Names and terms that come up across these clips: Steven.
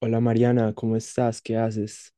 Hola, Mariana, ¿cómo estás? ¿Qué haces?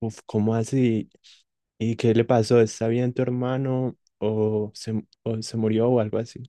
Uf, ¿cómo así? ¿Y qué le pasó? ¿Está bien tu hermano o se murió o algo así?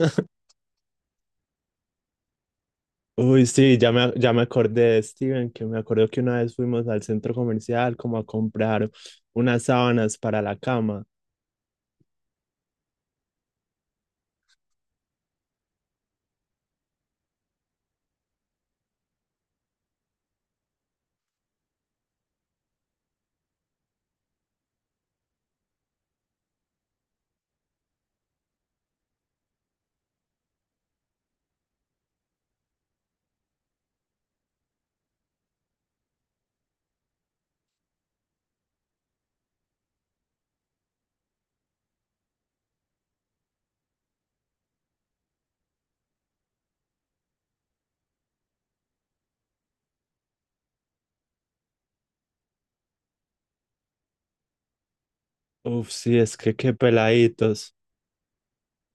Uy, sí, ya me acordé de Steven, que me acuerdo que una vez fuimos al centro comercial como a comprar unas sábanas para la cama. Uf, sí, es que qué peladitos.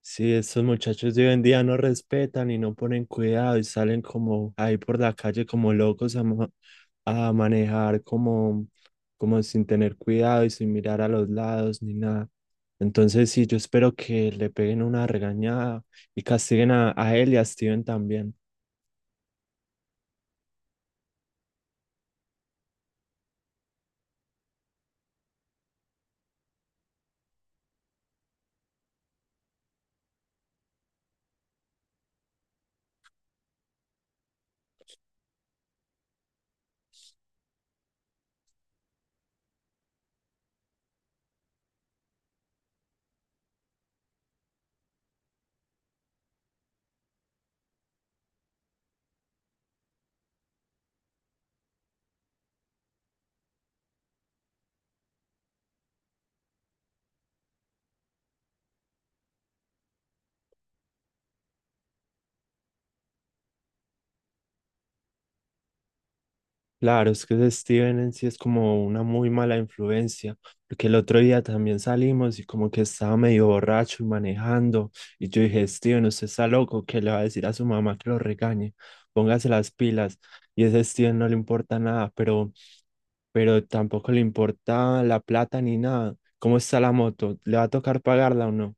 Sí, estos muchachos de hoy en día no respetan y no ponen cuidado y salen como ahí por la calle como locos a, a manejar como sin tener cuidado y sin mirar a los lados ni nada. Entonces sí, yo espero que le peguen una regañada y castiguen a él y a Steven también. Claro, es que ese Steven en sí es como una muy mala influencia, porque el otro día también salimos y como que estaba medio borracho y manejando, y yo dije, Steven, usted está loco, que le va a decir a su mamá que lo regañe, póngase las pilas, y ese Steven no le importa nada, pero tampoco le importa la plata ni nada. ¿Cómo está la moto? ¿Le va a tocar pagarla o no?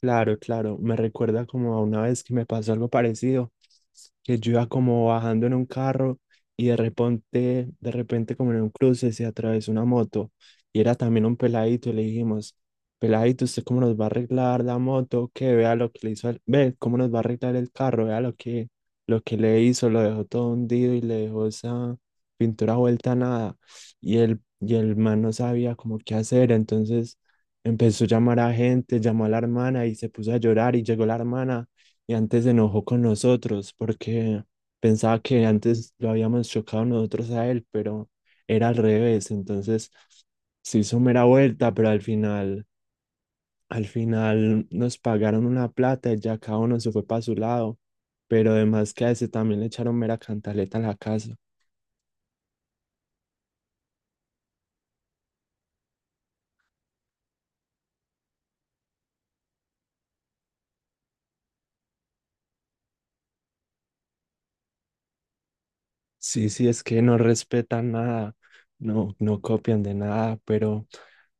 Claro, claro, me recuerda como a una vez que me pasó algo parecido, que yo iba como bajando en un carro y de repente como en un cruce se atravesó una moto y era también un peladito y le dijimos, peladito, ¿usted cómo nos va a arreglar la moto? Que vea lo que le hizo, ve cómo nos va a arreglar el carro, vea lo que le hizo, lo dejó todo hundido y le dejó esa pintura vuelta a nada, y y el man no sabía como qué hacer. Entonces empezó a llamar a gente, llamó a la hermana y se puso a llorar, y llegó la hermana y antes se enojó con nosotros porque pensaba que antes lo habíamos chocado nosotros a él, pero era al revés. Entonces se hizo mera vuelta, pero al final nos pagaron una plata y ya cada uno se fue para su lado. Pero además que a ese también le echaron mera cantaleta en la casa. Sí, sí, es que no respetan nada, no copian de nada, pero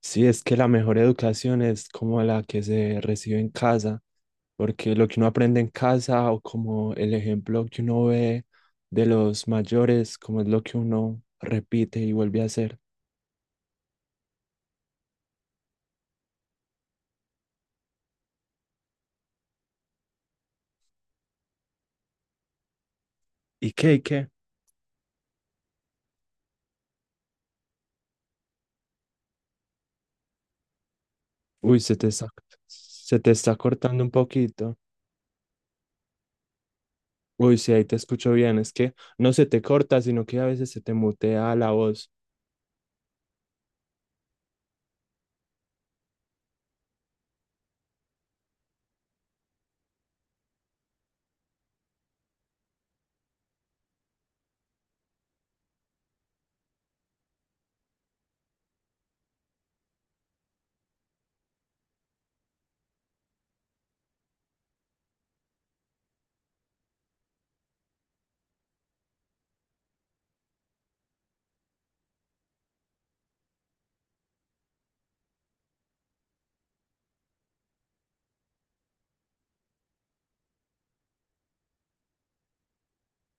sí, es que la mejor educación es como la que se recibe en casa, porque lo que uno aprende en casa, o como el ejemplo que uno ve de los mayores, como es lo que uno repite y vuelve a hacer. ¿Y qué? ¿Y qué? Uy, se te está cortando un poquito. Uy, sí, ahí te escucho bien, es que no se te corta, sino que a veces se te mutea la voz.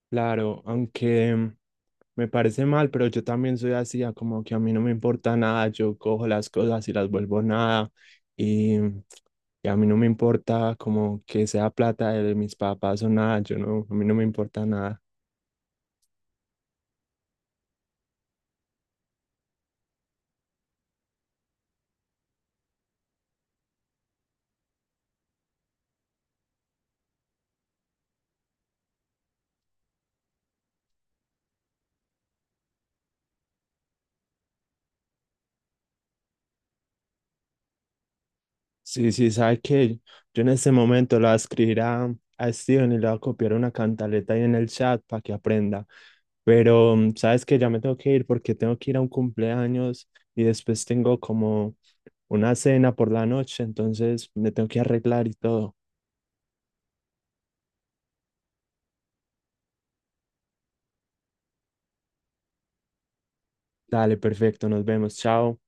Claro, aunque… me parece mal, pero yo también soy así. Ah, como que a mí no me importa nada, yo cojo las cosas y las vuelvo nada, y, y a mí no me importa como que sea plata de mis papás o nada, yo no, a mí no me importa nada. Sí, sí, sabe que yo en este momento la voy a escribir a Steven y le voy a copiar una cantaleta ahí en el chat para que aprenda, pero sabes que ya me tengo que ir porque tengo que ir a un cumpleaños y después tengo como una cena por la noche, entonces me tengo que arreglar y todo. Dale, perfecto, nos vemos, chao.